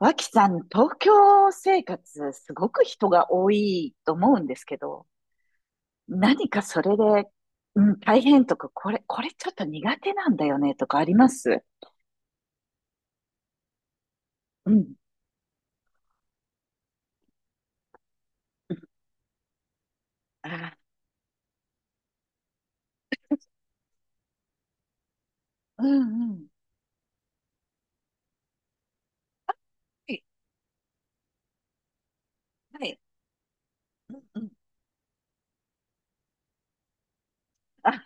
脇さん、東京生活、すごく人が多いと思うんですけど、何かそれで、うん、大変とか、これちょっと苦手なんだよね、とかあります。うん。ああ、うんうん。はい、はい、うんうん。あ、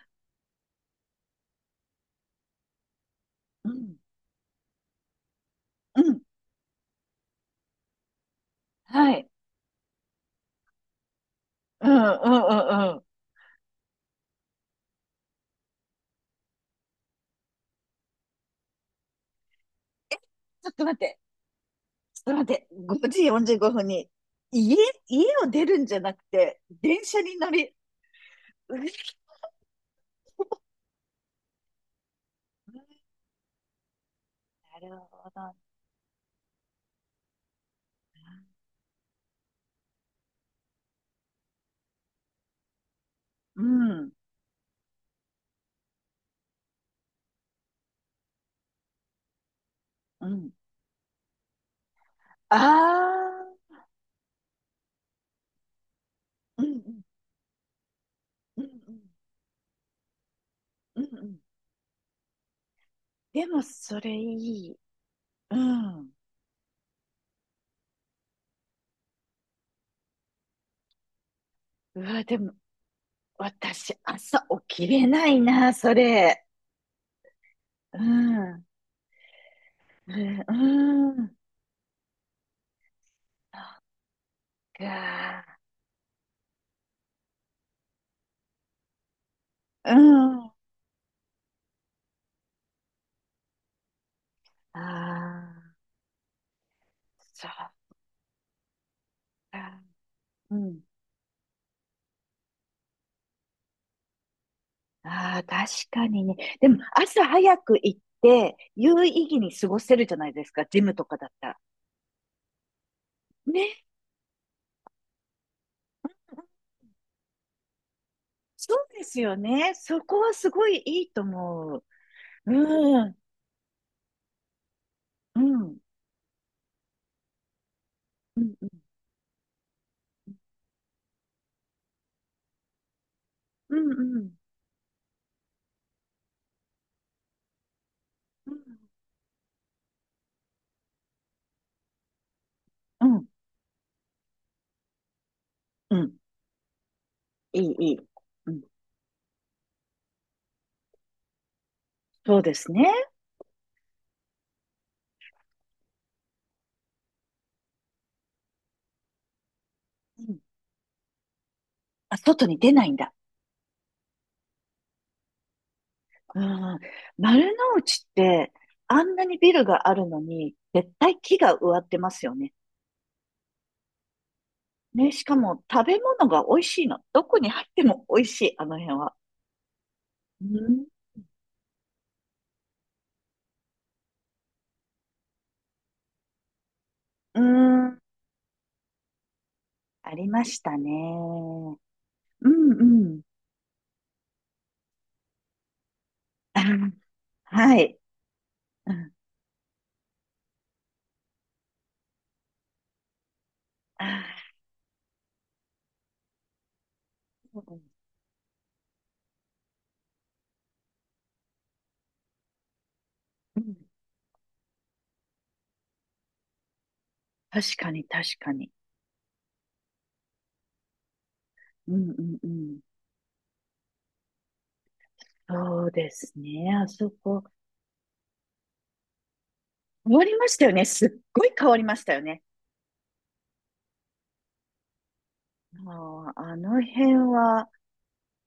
うん、うん、はい。うん、うん、うん、うん。え、ちょっと待って、ちょっと待って、5時45分に、家、家を出るんじゃなくて、電車に乗り、うっなるほど。うん、うん。ああ、うんうんうんうんうんうん。でもそれいい。うん。うわ、でも私朝起きれないな、それ。うん。うん。うん、そっか。うん。ああ、そうか。うん。ああ、確かにね。でも朝早く行って、有意義に過ごせるじゃないですか、ジムとかだったら。ね。そうですよね。そこはすごいいいと思う。うん。うん。うんうん。うんうん。うんうん。うん。いい、いい。うん。そうですね。うん。あ、外に出ないんだ。うん。丸の内って、あんなにビルがあるのに、絶対木が植わってますよね。ね、しかも食べ物が美味しいの。どこに入っても美味しい、あの辺は。うん。うん。ありましたね。うんうん。あ、はい。うん。あー、うん、確かに、確かに。うんうんうん。そうですね。あそこ、変わりましたよね。すっごい変わりましたよね。あの辺は、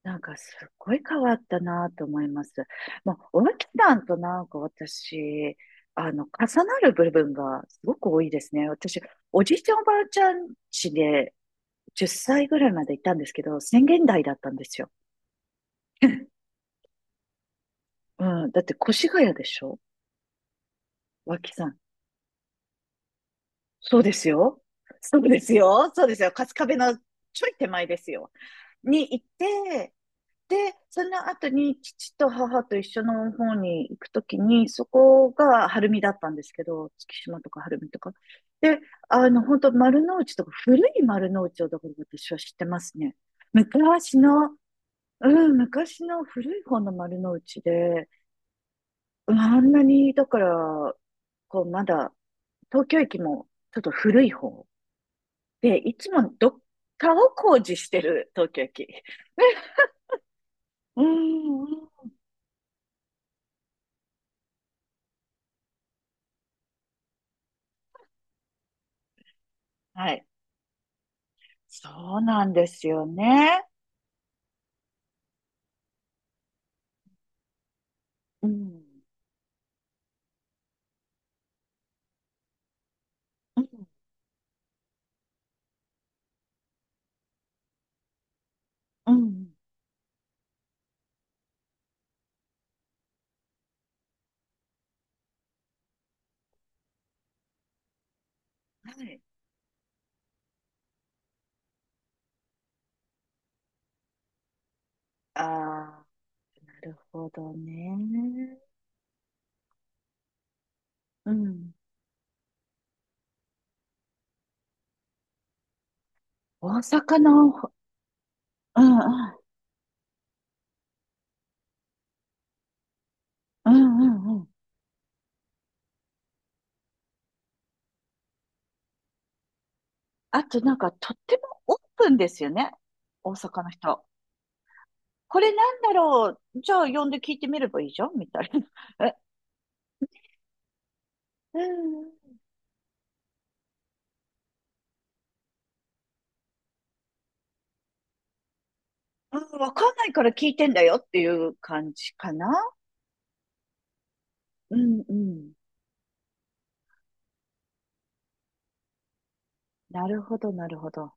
なんかすっごい変わったなと思います。まあ、脇さんとなんか私、重なる部分がすごく多いですね。私、おじいちゃんおばあちゃん家で10歳ぐらいまでいたんですけど、宣言台だったんですよ。うん、だって越谷でしょ、脇さん。そうですよ。そうですよ。そうですよ。春日部のちょい手前ですよ。に行って、で、その後に父と母と一緒の方に行くときに、そこが晴海だったんですけど、月島とか晴海とか。で、本当丸の内とか、古い丸の内をだから私は知ってますね。昔の、うん、昔の古い方の丸の内で、うん、あんなに、だから、こう、まだ、東京駅もちょっと古い方で、いつもどっかを工事してる東京駅。うん、ん。はい。そうなんですよね。うん。うん。うん。はい。ああ、なるほどね。うん。大阪の、うん、うん、うん、うん、うん。あとなんかとってもオープンですよね。大阪の人。これなんだろう。じゃあ呼んで聞いてみればいいじゃんみたいな。え、うん。うん、わかんないから聞いてんだよっていう感じかな。うんうん。なるほど、なるほど。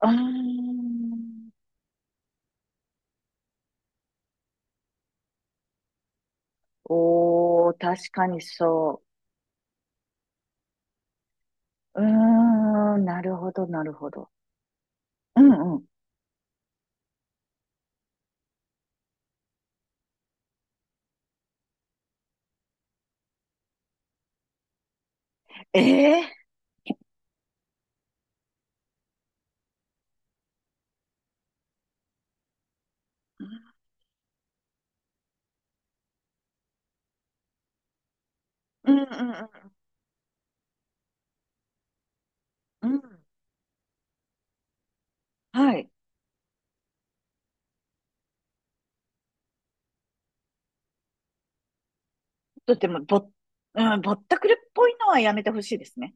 あーん。おー、確かにそう。うーん、なるほど、なるほど。うんうん。ええ、うんうんうんうん。うん、はい。とても、うん、ぼったくりっぽいのはやめてほしいですね。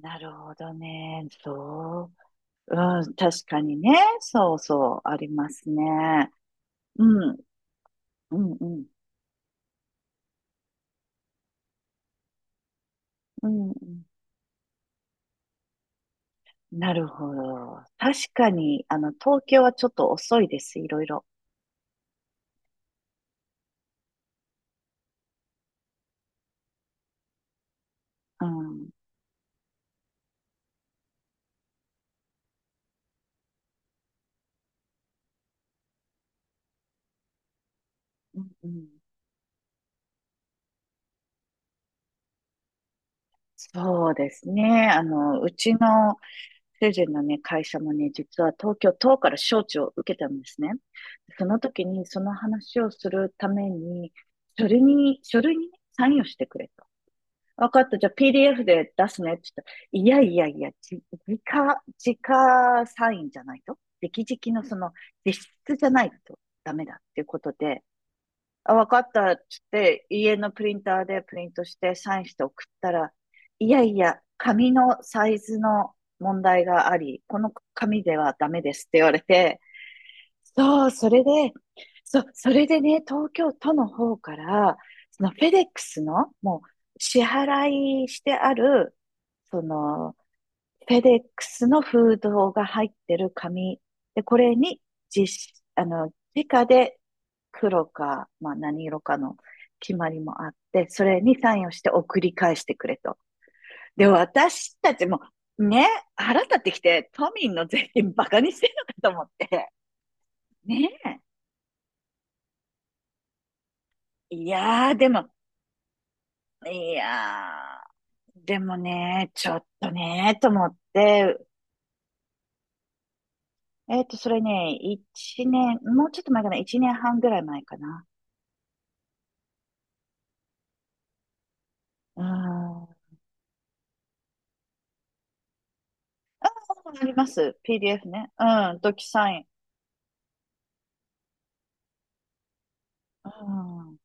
なるほどね。そう。うん、確かにね。そうそう、ありますね。うん、うん、うん、うん、うん。なるほど。確かに、東京はちょっと遅いです、いろいろ。うん。うんうん。そうですね。うちの主人のね、会社もね、実は東京都から招致を受けたんですね。その時に、その話をするために、書類にねサインをしてくれと。わかった、じゃあ PDF で出すねって言ったら、いやいやいや、直サインじゃないと。直々の実質じゃないとダメだっていうことで、あ、わかったっつって、家のプリンターでプリントしてサインして送ったら、いやいや、紙のサイズの問題があり、この紙ではダメですって言われて、そう、それで、ね、東京都の方から、そのフェデックスの、もう支払いしてある、その、フェデックスの封筒が入ってる紙。で、これに実、あの、直で黒か、まあ何色かの決まりもあって、それにサインをして送り返してくれと。で、私たちも、ね、腹立ってきて、都民の税金バカにしてるのかと思って。ねえ。いやー、でも、いやね、ちょっとね、と思って、それね、一年、もうちょっと前かな、1年半ぐらい前かな。ああ、あります。PDF ね。うん、ドキュサイン。うん。